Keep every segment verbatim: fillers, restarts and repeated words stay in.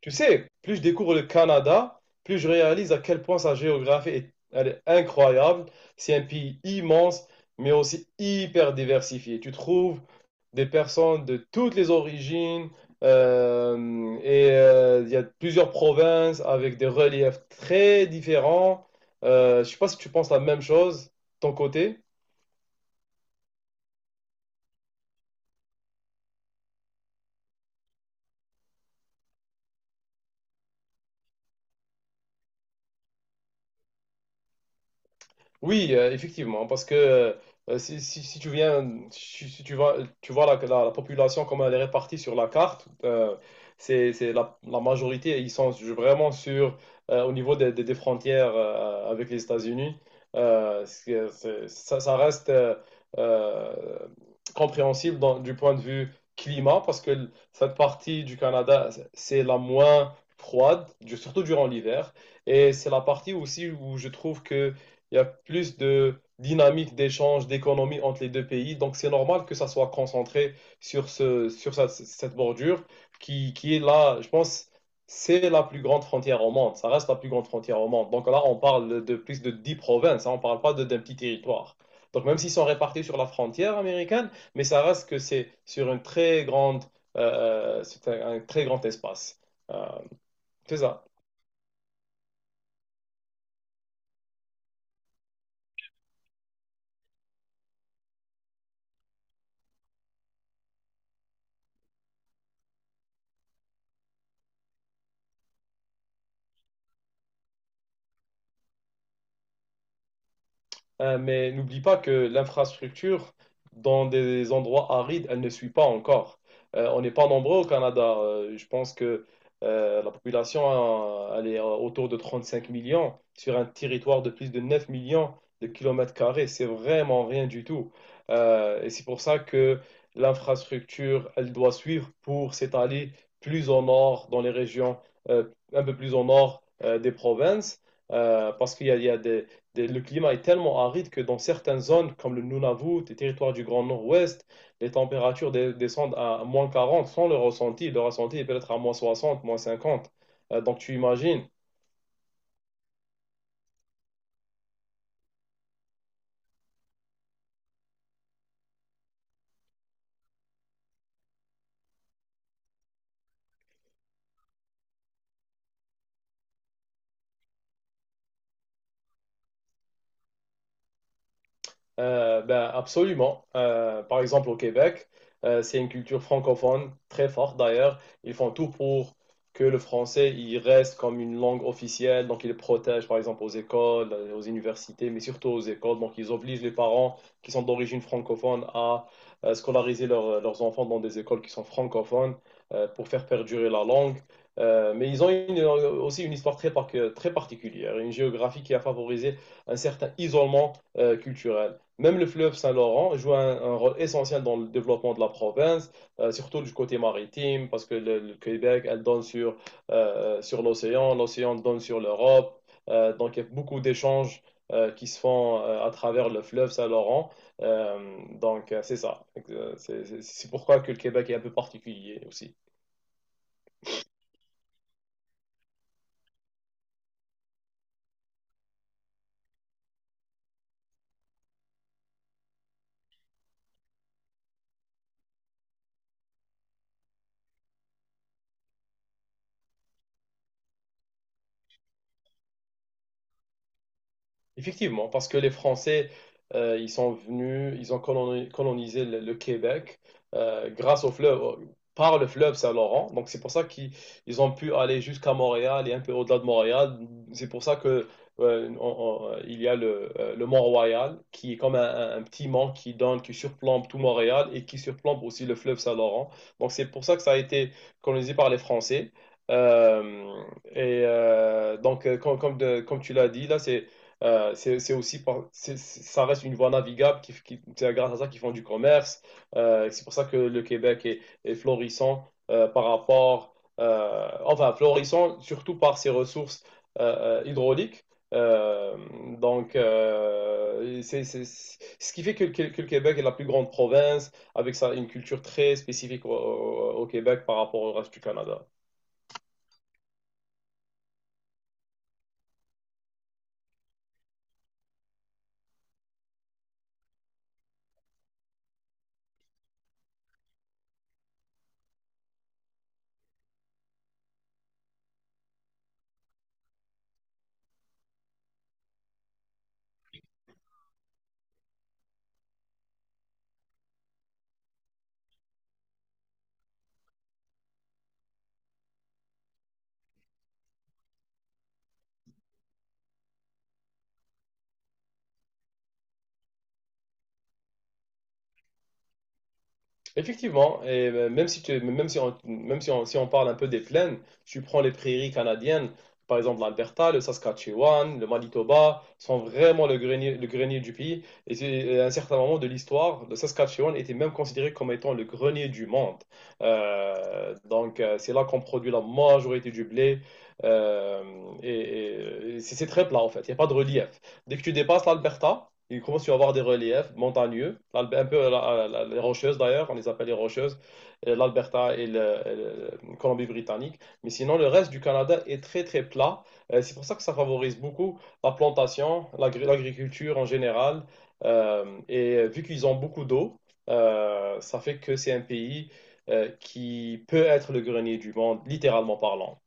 Tu sais, plus je découvre le Canada, plus je réalise à quel point sa géographie est, elle est incroyable. C'est un pays immense, mais aussi hyper diversifié. Tu trouves des personnes de toutes les origines euh, et euh, il y a plusieurs provinces avec des reliefs très différents. Euh, je sais pas si tu penses la même chose, ton côté. Oui, euh, effectivement, parce que euh, si, si, si tu viens, si, si tu vois, tu vois la, la, la population, comment elle est répartie sur la carte, euh, c'est, c'est la, la majorité, ils sont vraiment sur, euh, au niveau des, des- des frontières euh, avec les États-Unis. Euh, c'est- c'est- ça, ça reste euh, euh, compréhensible dans- du point de vue climat, parce que cette partie du Canada, c'est la moins froide, du- surtout durant l'hiver. Et c'est la partie aussi où je trouve que il y a plus de dynamique d'échange, d'économie entre les deux pays. Donc, c'est normal que ça soit concentré sur, ce, sur sa- cette bordure qui, qui est là, je pense, c'est la plus grande frontière au monde. Ça reste la plus grande frontière au monde. Donc là, on parle de plus de dix provinces, hein, on ne parle pas de- d'un petit territoire. Donc, même s'ils sont répartis sur la frontière américaine, mais ça reste que c'est sur une très grande, euh, c'est un, un très grand espace. Euh, c'est ça. Euh, mais n'oublie pas que l'infrastructure dans des endroits arides, elle ne suit pas encore. Euh, on n'est pas nombreux au Canada. Euh, je pense que euh, la population, euh, elle est euh, autour de trente-cinq millions sur un territoire de plus de neuf millions de kilomètres carrés. C'est vraiment rien du tout. Euh, et c'est pour ça que l'infrastructure, elle doit suivre pour s'étaler plus au nord, dans les régions euh, un peu plus au nord euh, des provinces, euh, parce qu'il y a, il y a des, des- le climat est tellement aride que dans certaines zones, comme le Nunavut, les territoires du Grand Nord-Ouest, les températures dé- descendent à moins quarante sans le ressenti. Le ressenti est peut-être à moins soixante, moins cinquante. Euh, donc tu imagines. Euh, ben, absolument. Euh, par exemple, au Québec, euh, c'est une culture francophone très forte d'ailleurs. Ils font tout pour que le français il reste comme une langue officielle. Donc, ils le protègent par exemple aux écoles, euh, aux universités, mais surtout aux écoles. Donc, ils obligent les parents qui sont d'origine francophone à euh, scolariser leurs leurs enfants dans des écoles qui sont francophones euh, pour faire perdurer la langue. Euh, mais ils ont une- euh, aussi une histoire très, par- très particulière, une géographie qui a favorisé un certain isolement euh, culturel. Même le fleuve Saint-Laurent joue un, un rôle essentiel dans le développement de la province, euh, surtout du côté maritime, parce que le, le Québec, elle donne sur, euh, sur l'océan, l'océan donne sur l'Europe. Euh, donc, il y a beaucoup d'échanges euh, qui se font euh, à travers le fleuve Saint-Laurent. Euh, donc, euh, c'est ça. Euh, c'est- c'est pourquoi que le Québec est un peu particulier aussi. Effectivement, parce que les Français, euh, ils sont venus, ils ont coloni- colonisé le, le Québec euh, grâce au fleuve, au- par le fleuve Saint-Laurent. Donc c'est pour ça qu'ils ils ont pu aller jusqu'à Montréal et un peu au-delà de Montréal. C'est pour ça que euh, on- on- euh, il y a le, euh, le Mont-Royal qui est comme un, un- un petit mont qui donne, qui surplombe tout Montréal et qui surplombe aussi le fleuve Saint-Laurent. Donc c'est pour ça que ça a été colonisé par les Français. Euh, et euh, donc euh, comme, comme de- Comme tu l'as dit là, c'est euh, c'est c'est aussi, par- c'est- c'est- ça reste une voie navigable qui, qui- c'est grâce à ça qu'ils font du commerce. Euh, c'est pour ça que le Québec est, est florissant euh, par rapport, euh, enfin florissant surtout par ses ressources euh, euh, hydrauliques. Euh, donc, euh, c'est, c'est- c'est- Ce qui fait que, que- que le Québec est la plus grande province avec sa, une culture très spécifique au, au- au Québec par rapport au reste du Canada. Effectivement, et euh, même si tu, même si on, même si on, si on parle un peu des plaines, tu prends les prairies canadiennes, par exemple l'Alberta, le Saskatchewan, le Manitoba, sont vraiment le grenier, le grenier du pays. Et c'est- euh, à un certain moment de l'histoire, le Saskatchewan était même considéré comme étant le grenier du monde. Euh, donc euh, c'est là qu'on produit la majorité du blé. Euh, et et- et c'est c'est très plat en fait, il n'y a pas de relief. Dès que tu dépasses l'Alberta, il commence à y avoir des reliefs montagneux, un peu la- la- les rocheuses d'ailleurs, on les appelle les rocheuses, euh, l'Alberta et le, et le- Colombie-Britannique. Mais sinon, le reste du Canada est très très plat. Euh, c'est pour ça que ça favorise beaucoup la plantation, l'agri- l'agriculture en général. Euh, et vu qu'ils ont beaucoup d'eau, euh, ça fait que c'est un pays euh, qui peut être le grenier du monde, littéralement parlant.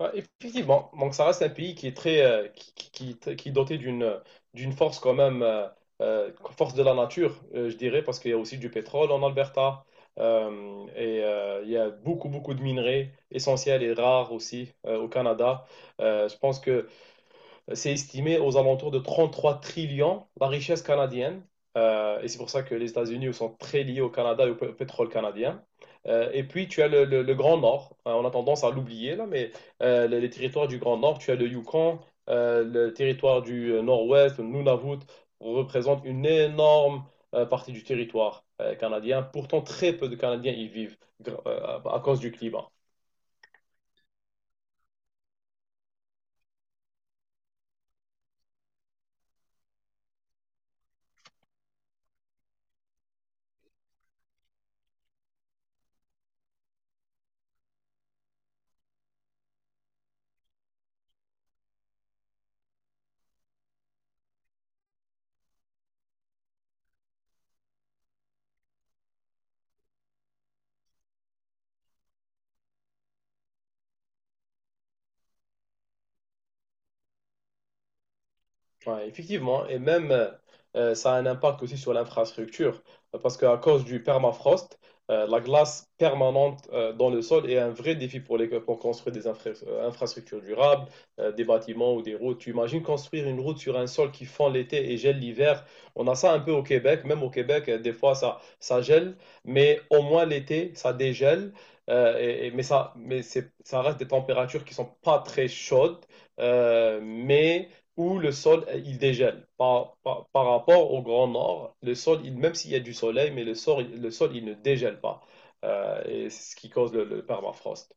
Ouais, effectivement, donc ça reste un pays qui est très, euh, qui, qui, qui- très- qui est doté d'une d'une force quand même, euh, euh, force de la nature, euh, je dirais, parce qu'il y a aussi du pétrole en Alberta. Euh, et euh, il y a beaucoup beaucoup de minerais essentiels et rares aussi euh, au Canada. Euh, je pense que c'est estimé aux alentours de trente-trois trillions la richesse canadienne. Euh, et c'est pour ça que les États-Unis sont très liés au Canada et au pétrole canadien. Euh, et puis, tu as le, le- le Grand Nord. Euh, on a tendance à l'oublier, là, mais euh, les, les territoires du Grand Nord, tu as le Yukon, euh, le territoire du euh, Nord-Ouest, le Nunavut, représente une énorme euh, partie du territoire euh, canadien. Pourtant, très peu de Canadiens y vivent euh, à cause du climat. Ouais, effectivement, et même euh, ça a un impact aussi sur l'infrastructure, euh, parce qu'à cause du permafrost, euh, la glace permanente euh, dans le sol est un vrai défi pour, les, pour construire des infra- euh, infrastructures durables, euh, des bâtiments ou des routes. Tu imagines construire une route sur un sol qui fond l'été et gèle l'hiver. On a ça un peu au Québec, même au Québec, euh, des fois ça, ça gèle, mais au moins l'été, ça dégèle, euh, et- et- mais, ça, mais c'est- ça reste des températures qui sont pas très chaudes, euh, mais où le sol, euh, il dégèle. Par, par, par rapport au Grand Nord, le sol, il, même s'il y a du soleil, mais le sol, le sol il ne dégèle pas. Euh, et c'est ce qui cause le, le permafrost.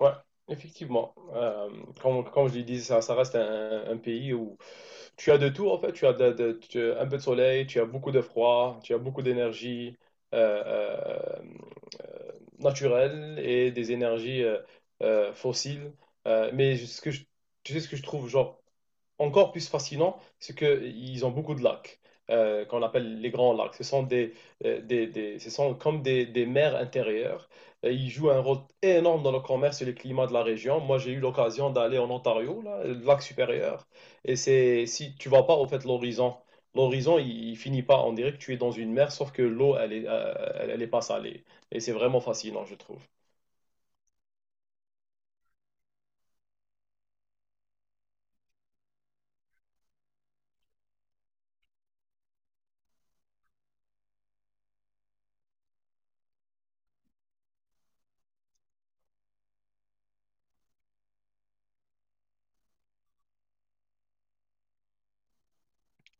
Ouais, effectivement. Euh, comme, comme je l'ai dit, ça, ça reste un, un pays où tu as de tout, en fait. Tu as de- de- tu as un peu de soleil, tu as beaucoup de froid, tu as beaucoup d'énergie euh, euh, euh, naturelle et des énergies euh, euh, fossiles. Euh, mais ce que je, Tu sais ce que je trouve, genre, encore plus fascinant, c'est qu'ils ont beaucoup de lacs, euh, qu'on appelle les grands lacs. Ce sont, des, euh, des, des- ce sont comme des, des mers intérieures. Et ils jouent un rôle énorme dans le commerce et le climat de la région. Moi, j'ai eu l'occasion d'aller en Ontario, là, le lac supérieur. Et c'est si tu ne vois pas, au fait, l'horizon. L'horizon, il, il finit pas. On dirait que tu es dans une mer, sauf que l'eau, elle est, euh, elle, elle est pas salée. Et c'est vraiment fascinant, je trouve.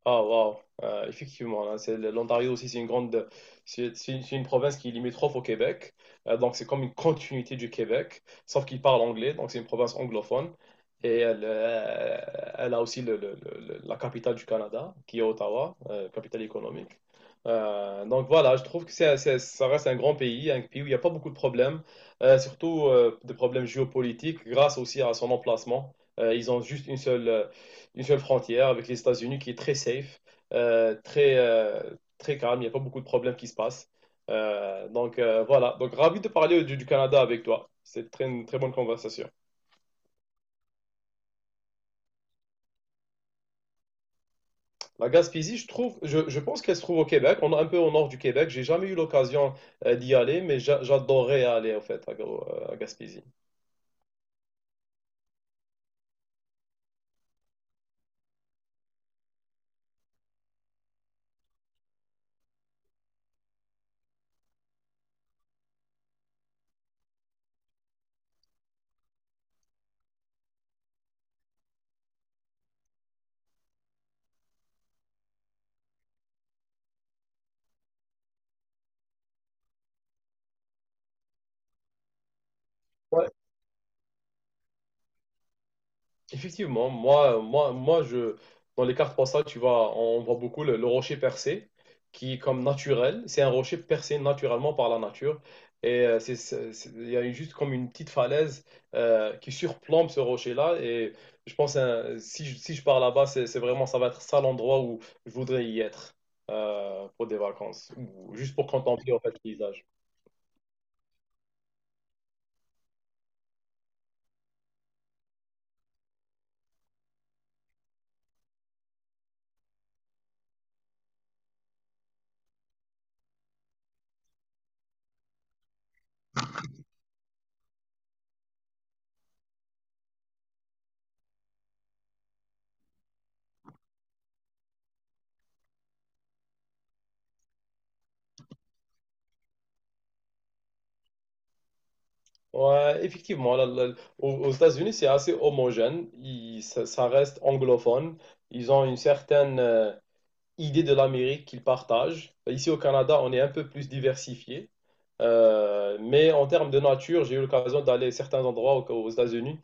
Ah, waouh, Euh, effectivement, hein, c'est, l'Ontario aussi, c'est une grande, c'est c'est une, c'est une province qui est limitrophe au Québec. Euh, donc c'est comme une continuité du Québec, sauf qu'il parle anglais, donc c'est une province anglophone, et elle, euh, elle a aussi le- le- le- le- la capitale du Canada, qui est Ottawa, euh, capitale économique. Euh, donc voilà, je trouve que c'est, c'est- ça reste un grand pays, un pays où il n'y a pas beaucoup de problèmes, euh, surtout euh, des problèmes géopolitiques, grâce aussi à son emplacement. Euh, ils ont juste une seule une seule frontière avec les États-Unis qui est très safe, euh, très, euh, très calme. Il n'y a pas beaucoup de problèmes qui se passent. Euh, donc euh, voilà, donc ravi de parler du, du Canada avec toi. C'est très, une très bonne conversation. La Gaspésie, je trouve, je, je pense qu'elle se trouve au Québec, on est un peu au nord du Québec. J'ai jamais eu l'occasion euh, d'y aller, mais j'a- j'adorerais aller en fait à, Ga- à Gaspésie. Ouais, effectivement, moi, moi, moi, je, dans les cartes postales, tu vois, on voit beaucoup le, le rocher percé, qui est comme naturel. C'est un rocher percé naturellement par la nature. Et euh, c'est, c'est- c'est- il y a juste comme une petite falaise euh, qui surplombe ce rocher-là. Et je pense, hein, si je, si je pars là-bas, c'est, c'est vraiment, ça va être ça l'endroit où je voudrais y être euh, pour des vacances, ou juste pour contempler en fait le paysage. Ouais, effectivement, la- la- aux, aux États-Unis, c'est assez homogène. Ils- ça, ça reste anglophone. Ils ont une certaine, euh, idée de l'Amérique qu'ils partagent. Ici au Canada, on est un peu plus diversifié. Euh, mais en termes de nature, j'ai eu l'occasion d'aller à certains endroits aux, aux États-Unis.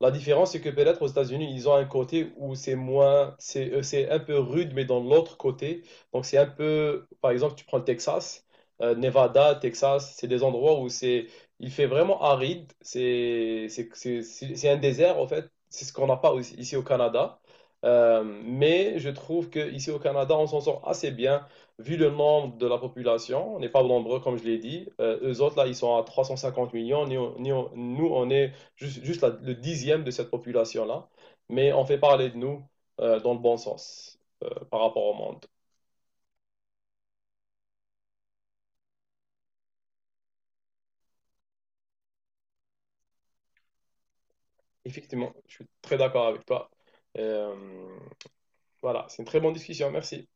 La différence, c'est que peut-être aux États-Unis, ils ont un côté où c'est moins, c'est, euh, c'est un peu rude, mais dans l'autre côté. Donc c'est un peu, par exemple, tu prends le Texas, euh, Nevada, Texas, c'est des endroits où c'est, il fait vraiment aride. C'est, c'est, c'est, c'est c'est un désert, en fait. C'est ce qu'on n'a pas aussi- ici au Canada. Euh, mais je trouve qu'ici au Canada, on s'en sort assez bien vu le nombre de la population. On n'est pas nombreux, comme je l'ai dit. Euh, eux autres, là, ils sont à trois cent cinquante millions. Nous, nous, nous, on est juste, juste la- le dixième de cette population-là. Mais on fait parler de nous euh, dans le bon sens euh, par rapport au monde. Effectivement, je suis très d'accord avec toi. Euh, voilà, c'est une très bonne discussion. Merci.